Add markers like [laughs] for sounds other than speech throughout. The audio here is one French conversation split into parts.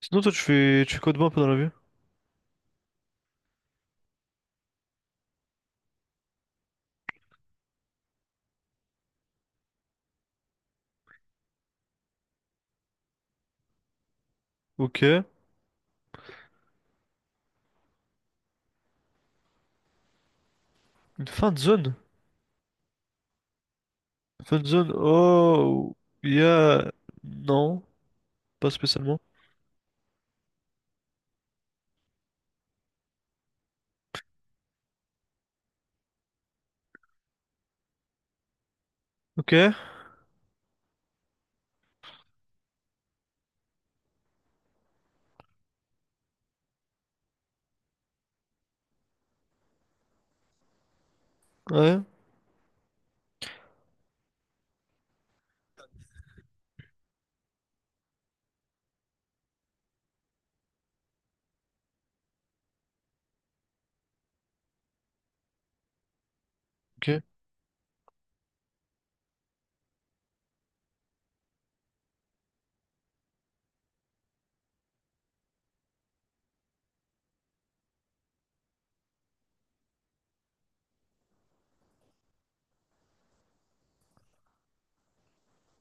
Sinon, toi, tu fais quoi de bon un peu dans la vie? Ok. Une fin de zone? Fin de zone? Oh, il y a... Non, pas spécialement. Ok, ouais, ok.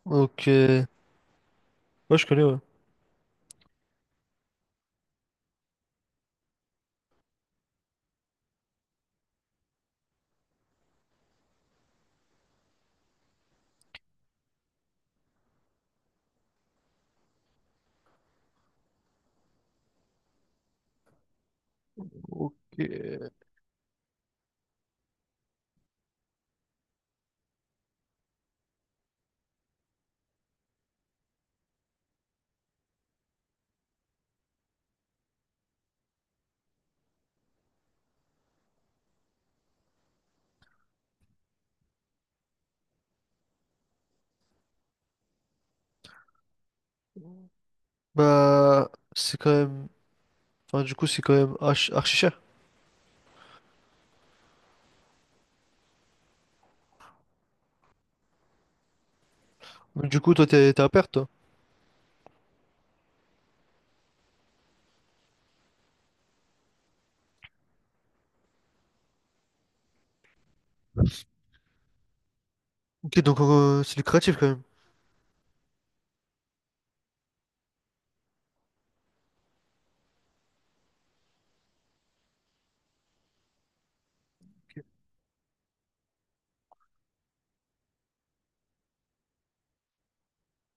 Ok. Ouais, je connais, ouais. Ok. Bah, c'est quand même... Enfin, du coup, c'est quand même archi, archi cher. Mais du coup, toi, t'es à perte, toi. Ok, donc c'est lucratif quand même.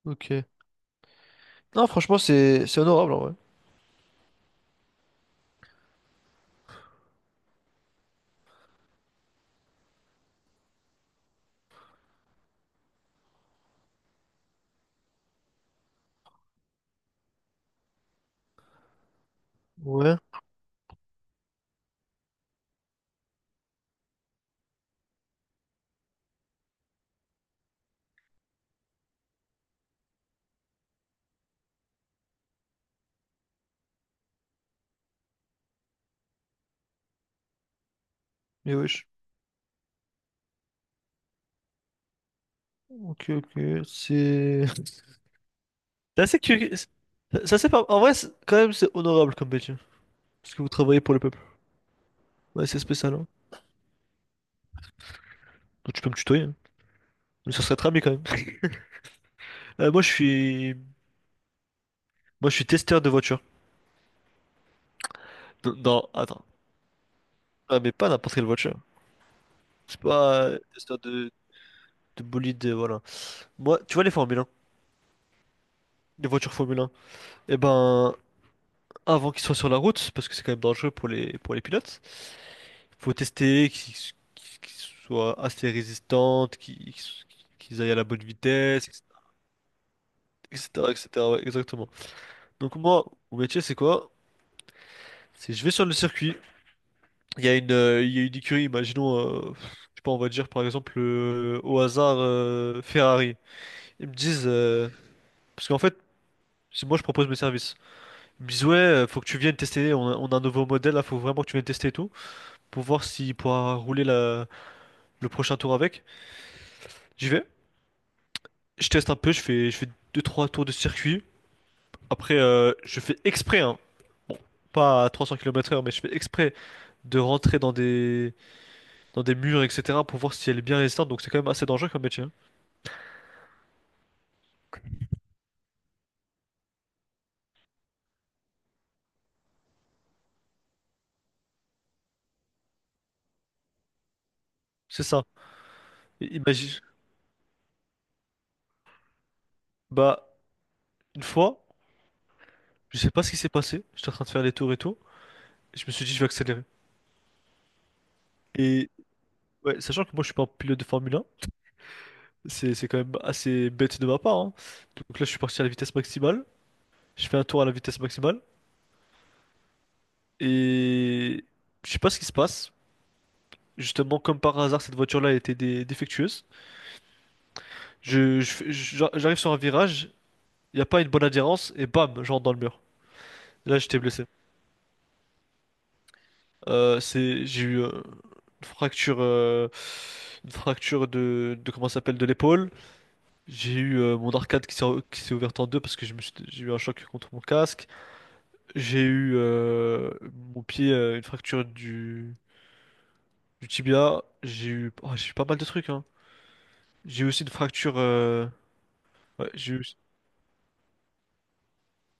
Ok. Non, franchement, c'est honorable, en vrai. Ouais, mais wesh. Ok, ok, c'est... [laughs] C'est assez curieux. Ça, c'est pas... En vrai, quand même, c'est honorable comme métier. Parce que vous travaillez pour le peuple. Ouais, c'est spécial, hein. Donc, tu peux me tutoyer, hein. Mais ça serait très bien quand même. [laughs] Moi, je suis... Moi, je suis testeur de voiture. Attends. Ah, mais pas n'importe quelle voiture. C'est pas testeur de bolide, voilà. Moi, tu vois les Formule 1, les voitures Formule 1. Eh ben, avant qu'ils soient sur la route, parce que c'est quand même dangereux pour les pilotes, faut tester qu'ils soient assez résistantes, qu'ils aillent à la bonne vitesse, etc., etc., ouais, exactement. Donc moi, mon métier, c'est quoi? C'est je vais sur le circuit. Il y a une, il y a une écurie, imaginons, je sais pas, on va dire par exemple au hasard Ferrari. Ils me disent, parce qu'en fait, si moi je propose mes services, ils me disent ouais, faut que tu viennes tester, on a un nouveau modèle là, faut vraiment que tu viennes tester et tout, pour voir s'il pourra rouler le prochain tour avec. J'y vais, je teste un peu, je fais deux trois tours de circuit. Après, je fais exprès, hein. Bon, pas à 300 kilomètres h mais je fais exprès de rentrer dans des murs, etc., pour voir si elle est bien résistante, donc c'est quand même assez dangereux comme métier, hein. C'est ça. Et imagine. Bah, une fois, je sais pas ce qui s'est passé. J'étais en train de faire les tours et tout. Et je me suis dit, je vais accélérer. Et ouais, sachant que moi, je suis pas un pilote de Formule 1, c'est quand même assez bête de ma part, hein. Donc là, je suis parti à la vitesse maximale. Je fais un tour à la vitesse maximale. Et je sais pas ce qui se passe. Justement, comme par hasard, cette voiture-là était défectueuse. J'arrive sur un virage, il n'y a pas une bonne adhérence, et bam, je rentre dans le mur. Là, j'étais blessé. J'ai eu une fracture, euh, une fracture de comment ça s'appelle, de l'épaule. J'ai eu mon arcade qui s'est ouverte en deux parce que j'ai eu un choc contre mon casque. J'ai eu mon pied, une fracture du tibia. J'ai eu, oh, j'ai eu pas mal de trucs, hein. J'ai eu aussi une fracture, ouais,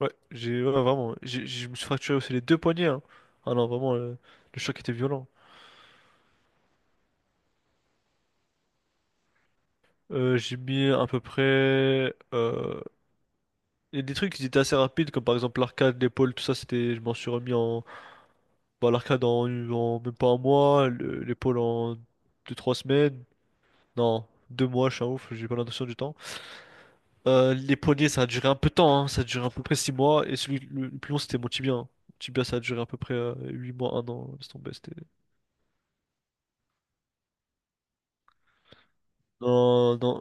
ouais, j'ai, ouais, vraiment, j'ai, je me suis fracturé aussi les deux poignets, hein. Ah non, vraiment, le choc était violent. J'ai mis à peu près. Et des trucs qui étaient assez rapides, comme par exemple l'arcade, l'épaule, tout ça, c'était, je m'en suis remis en, bah, l'arcade en même pas un mois, l'épaule en 2, 3 semaines, non, 2 mois, je suis un ouf, j'ai pas l'intention du temps. Les poignets, ça a duré un peu de temps, hein, ça a duré à peu près 6 mois, et celui le plus long, c'était mon tibia, hein. Mon tibia, ça a duré à peu près 8 mois, un an, laisse tomber, c'était... Non, non.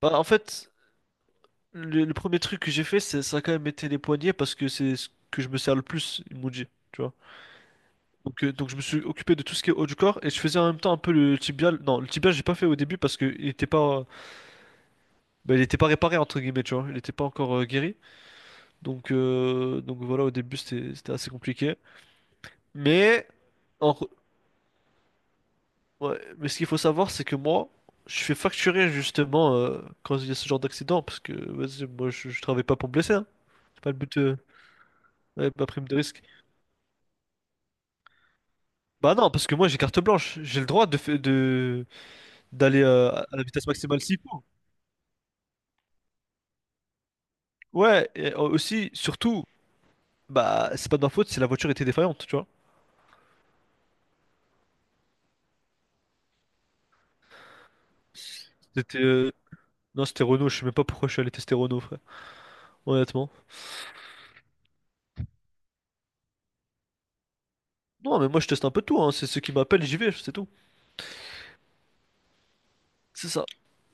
Bah, en fait, le premier truc que j'ai fait, c'est, ça a quand même été les poignets, parce que c'est ce que je me sers le plus, ils m'ont dit, tu vois. Donc je me suis occupé de tout ce qui est haut du corps et je faisais en même temps un peu le tibial. Non, le tibial j'ai pas fait au début parce que il était pas, bah, il était pas réparé entre guillemets, tu vois. Il était pas encore guéri. Donc voilà, au début c'était, assez compliqué. Mais, en re- ouais, mais ce qu'il faut savoir c'est que moi, je fais facturer justement quand il y a ce genre d'accident parce que vas-y, moi je travaille pas pour me blesser, hein. C'est pas le but, ouais, ma prime de risque. Bah non, parce que moi j'ai carte blanche. J'ai le droit de fa- de d'aller à la vitesse maximale s'il faut. Ouais, et aussi, surtout, bah, c'est pas de ma faute si la voiture était défaillante, tu vois. C'était. Non, c'était Renault, je sais même pas pourquoi je suis allé tester Renault, frère, honnêtement. Non, mais moi je teste un peu de tout, hein. C'est ceux qui m'appellent, j'y vais, c'est tout. C'est ça.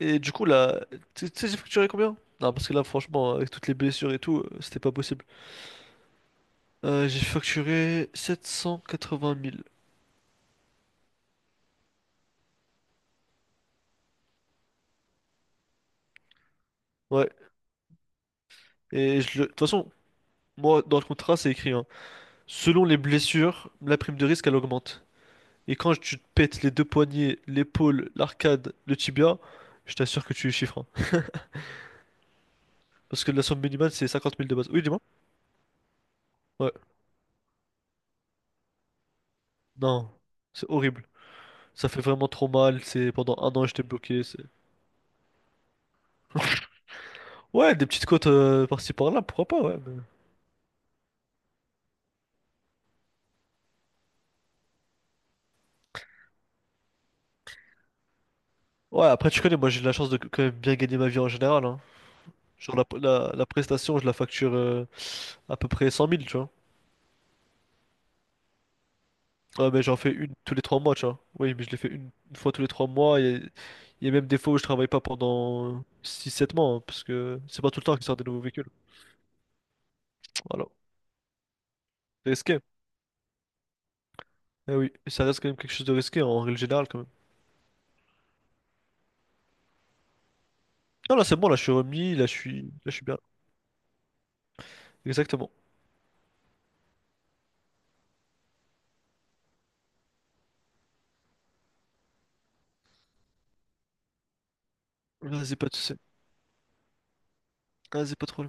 Et du coup, là, tu sais, j'ai facturé combien? Non, parce que là, franchement, avec toutes les blessures et tout, c'était pas possible. J'ai facturé 780 000. Ouais, et je le... De toute façon, moi, dans le contrat, c'est écrit, hein. Selon les blessures, la prime de risque, elle augmente. Et quand tu te pètes les deux poignets, l'épaule, l'arcade, le tibia, je t'assure que tu es chiffres, hein. Parce que la somme minimale, c'est 50 000 de base. Oui, dis-moi. Ouais. Non. C'est horrible. Ça fait vraiment trop mal. C'est pendant un an, j'étais bloqué. Ouais, des petites côtes par-ci par-là, pourquoi pas, ouais. Ouais, après, tu connais, moi, j'ai de la chance de quand même bien gagner ma vie en général, hein. Genre, la prestation, je la facture à peu près 100 000, tu vois. Ouais, mais j'en fais une tous les 3 mois, tu vois. Oui, mais je l'ai fait une fois tous les 3 mois. Il y a même des fois où je travaille pas pendant 6, 7 mois, hein, parce que c'est pas tout le temps qu'ils sortent des nouveaux véhicules. Voilà. C'est risqué. Eh oui, et ça reste quand même quelque chose de risqué en règle générale, quand même. Non, là, c'est bon, là, je suis remis, là, je suis bien. Exactement. Vas-y, pas de soucis. Vas-y, pas trop.